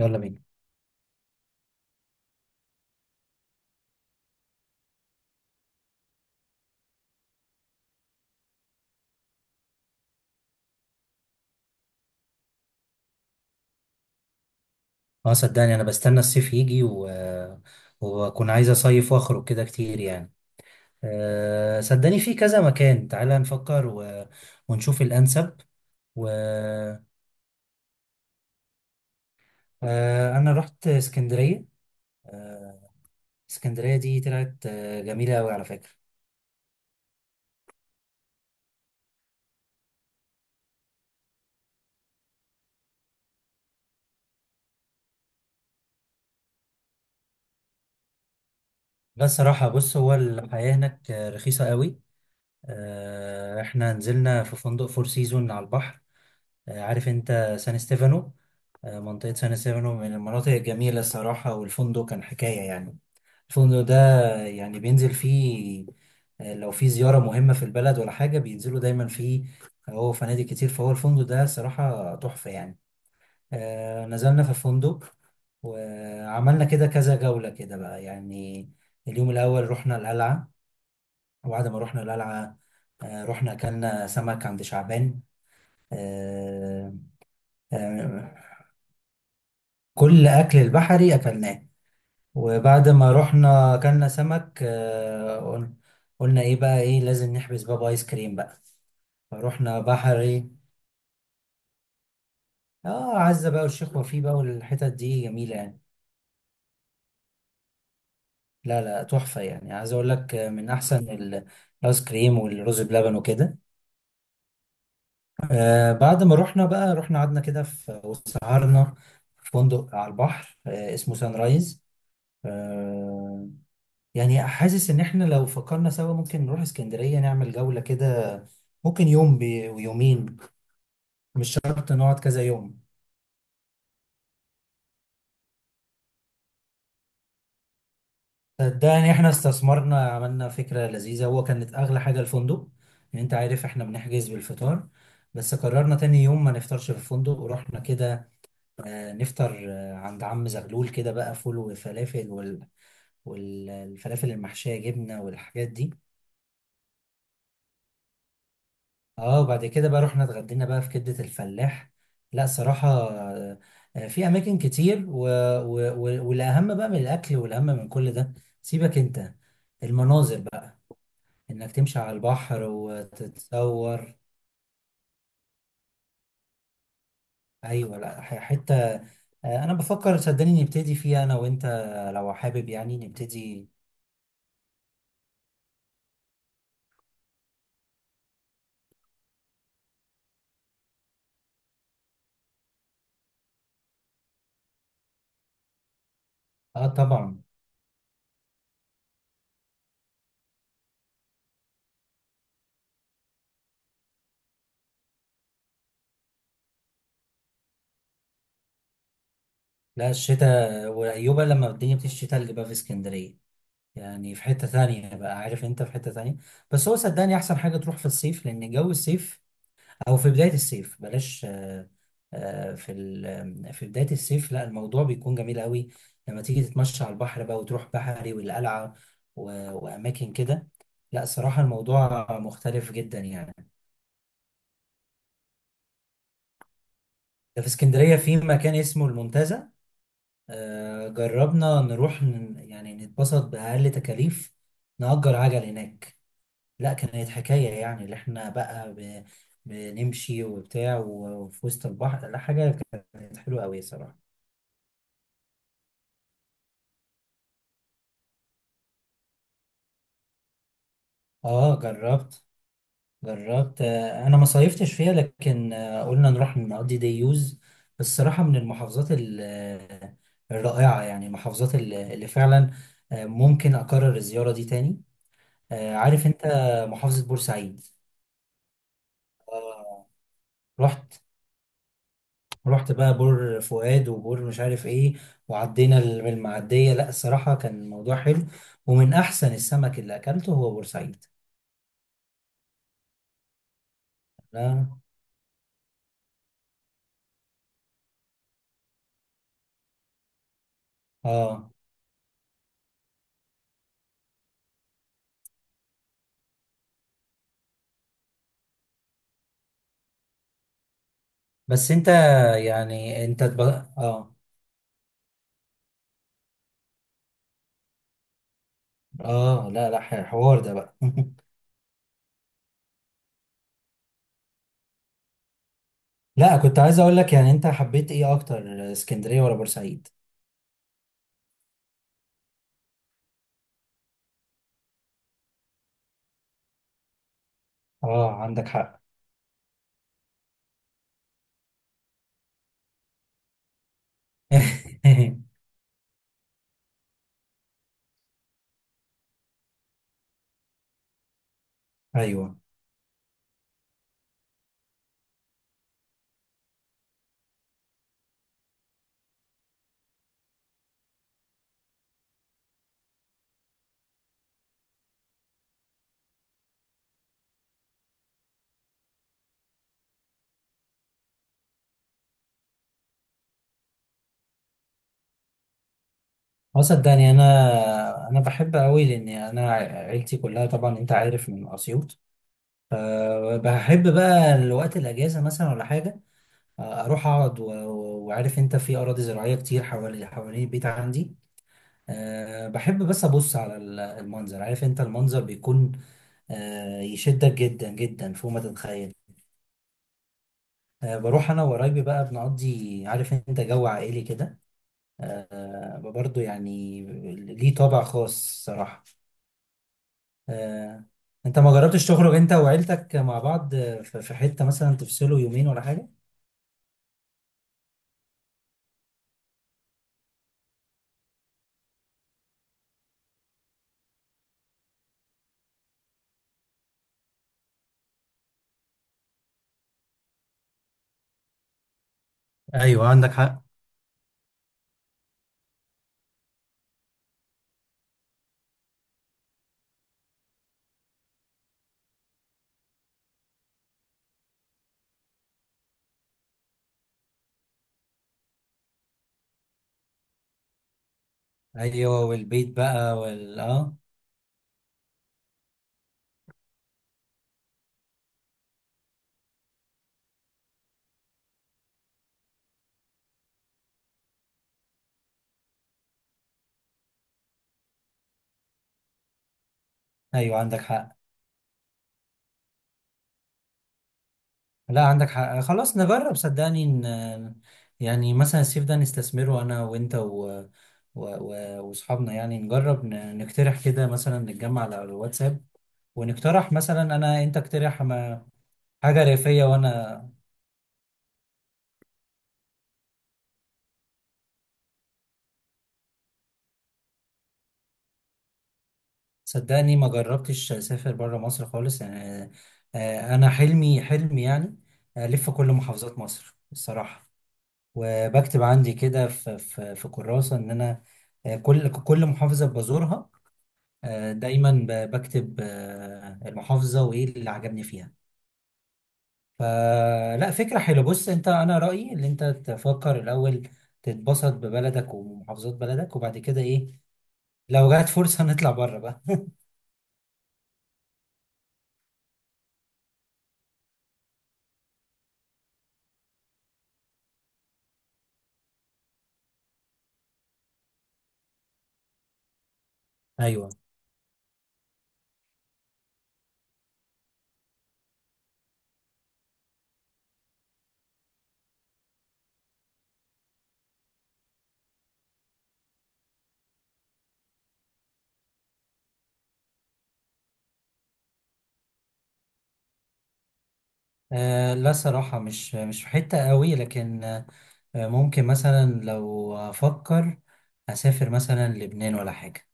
يلا بينا. اه صدقني انا بستنى الصيف يجي واكون عايز اصيف واخرج كده كتير يعني. صدقني في كذا مكان، تعالى نفكر ونشوف الانسب. و... أه انا رحت اسكندرية. أه، اسكندرية دي طلعت جميلة قوي على فكرة. بس صراحة بص، هو الحياة هناك رخيصة قوي. أه احنا نزلنا في فندق فور سيزون على البحر. عارف انت سان ستيفانو؟ منطقة سان ستيفانو من المناطق الجميلة الصراحة، والفندق كان حكاية يعني. الفندق ده يعني بينزل فيه، لو في زيارة مهمة في البلد ولا حاجة بينزلوا دايما فيه. هو فنادق كتير، فهو الفندق ده صراحة تحفة يعني. نزلنا في الفندق وعملنا كده كذا جولة كده بقى يعني. اليوم الأول رحنا القلعة، وبعد ما رحنا القلعة رحنا أكلنا سمك عند شعبان. آه، آه، كل أكل البحري أكلناه. وبعد ما رحنا أكلنا سمك قلنا إيه بقى، إيه؟ لازم نحبس بابا آيس كريم بقى، فروحنا بحري. آه، عزة بقى والشيخ وفيه بقى، والحتت دي جميلة يعني. لا لا، تحفة يعني. عايز أقول لك الآيس كريم والرز بلبن وكده. آه، بعد ما رحنا بقى رحنا قعدنا كده في وسهرنا في فندق على البحر آه اسمه سان رايز. آه، يعني حاسس ان احنا لو فكرنا سوا ممكن نروح اسكندرية نعمل جولة كده. ممكن ويومين، مش شرط نقعد كذا يوم. صدقني احنا استثمرنا، عملنا فكرة لذيذة. هو كانت اغلى حاجة الفندق، يعني انت عارف احنا بنحجز بالفطار. بس قررنا تاني يوم ما نفطرش في الفندق، ورحنا كده نفطر عند عم زغلول كده بقى، فول وفلافل والفلافل المحشية جبنة والحاجات دي. اه بعد كده بقى رحنا اتغدينا بقى في كبدة الفلاح. لا صراحة، في اماكن كتير والاهم بقى من الاكل، والاهم من كل ده، سيبك انت، المناظر بقى، انك تمشي على البحر وتتصور. ايوه، لا حتة انا بفكر صدقني نبتدي فيها انا وانت، لو حابب يعني نبتدي. اه طبعا. لا الشتاء وايوبا لما الدنيا بتشتي تلج بقى في اسكندرية، يعني في حتة تانية بقى، عارف انت، في حتة تانية. بس هو صدقني احسن حاجة تروح في الصيف، لان جو الصيف او في بداية الصيف بلاش في بداية الصيف لا، الموضوع بيكون جميل قوي لما تيجي تتمشى على البحر بقى وتروح بحري والقلعة و- واماكن كده. لا صراحة الموضوع مختلف جدا يعني. ده في اسكندرية في مكان اسمه المنتزه، جربنا نروح يعني نتبسط بأقل تكاليف، نأجر عجل هناك. لا كانت حكاية يعني. اللي احنا بقى بنمشي وبتاع وفي وسط البحر، لا حاجة، كانت حلوة أوي صراحة. اه جربت، جربت انا ما صيفتش فيها، لكن قلنا نروح نقضي ديوز. الصراحة من المحافظات الرائعة يعني، المحافظات اللي فعلا ممكن أكرر الزيارة دي تاني. عارف انت، محافظة بورسعيد. آه، رحت، ورحت بقى بور فؤاد وبور مش عارف ايه، وعدينا بالمعدية. لا الصراحة كان الموضوع حلو، ومن احسن السمك اللي اكلته هو بورسعيد. لا. اه. بس انت يعني انت تب... اه اه لا لا، حوار ده بقى. لا كنت عايز اقول لك، يعني انت حبيت ايه اكتر، اسكندرية ولا بورسعيد؟ اه عندك حق. ايوه. اه صدقني، انا بحب قوي، لان انا عيلتي كلها طبعا انت عارف من اسيوط. بحب بقى الوقت الاجازه مثلا ولا حاجه اروح اقعد وعارف انت، في اراضي زراعيه كتير حوالي حوالين البيت عندي. أه بحب بس ابص على المنظر، عارف انت المنظر بيكون أه يشدك جدا جدا فوق ما تتخيل. أه بروح انا وقرايبي بقى بنقضي، عارف انت، جو عائلي كده. أه برضه يعني ليه طابع خاص صراحه. أه، انت ما جربتش تخرج انت وعيلتك مع بعض في حته مثلا تفصلوا يومين ولا حاجه؟ ايوه عندك حق. ايوه، والبيت بقى وال اه. ايوه عندك حق. لا عندك حق، خلاص نجرب صدقني، ان يعني مثلا الصيف ده نستثمره انا وانت واصحابنا. يعني نجرب نقترح كده مثلا، نتجمع على الواتساب ونقترح، مثلا انا انت اقترح ما... حاجه ريفيه، وانا صدقني ما جربتش اسافر بره مصر خالص يعني انا حلمي يعني الف كل محافظات مصر الصراحه، وبكتب عندي كده في كراسة إن أنا كل محافظة بزورها، دايما بكتب المحافظة وإيه اللي عجبني فيها. فلا، فكرة حلوة. بص أنت، أنا رأيي إن أنت تفكر الأول تتبسط ببلدك ومحافظات بلدك، وبعد كده إيه، لو جات فرصة نطلع بره بقى. أيوه. آه لا صراحة مش، مش في حتة قوي، لكن ممكن مثلا لو أفكر أسافر مثلا لبنان ولا حاجة.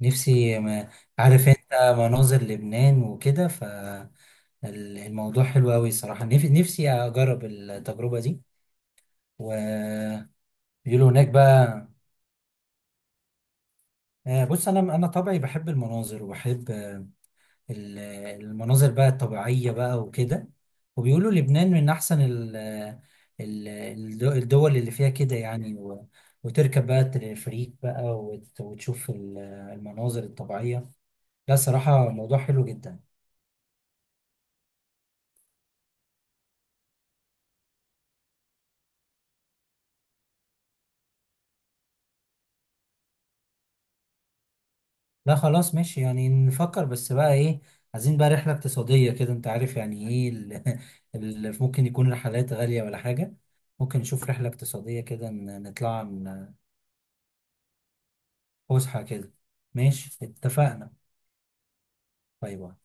نفسي، ما عارف انت مناظر لبنان وكده، فالموضوع حلو قوي صراحة. نفسي اجرب التجربة دي. وبيقولوا هناك بقى بص، انا طبعي بحب المناظر وبحب ال- المناظر بقى الطبيعية بقى وكده. وبيقولوا لبنان من احسن الدول اللي فيها كده يعني، وتركب بقى التلفريك بقى وتشوف المناظر الطبيعية. لا صراحة موضوع حلو جدا. لا خلاص ماشي، يعني نفكر بس بقى ايه، عايزين بقى رحلة اقتصادية كده، انت عارف يعني ايه، اللي ممكن يكون رحلات غالية ولا حاجة. ممكن نشوف رحلة اقتصادية كده، نطلع فسحة كده. ماشي، اتفقنا. باي باي.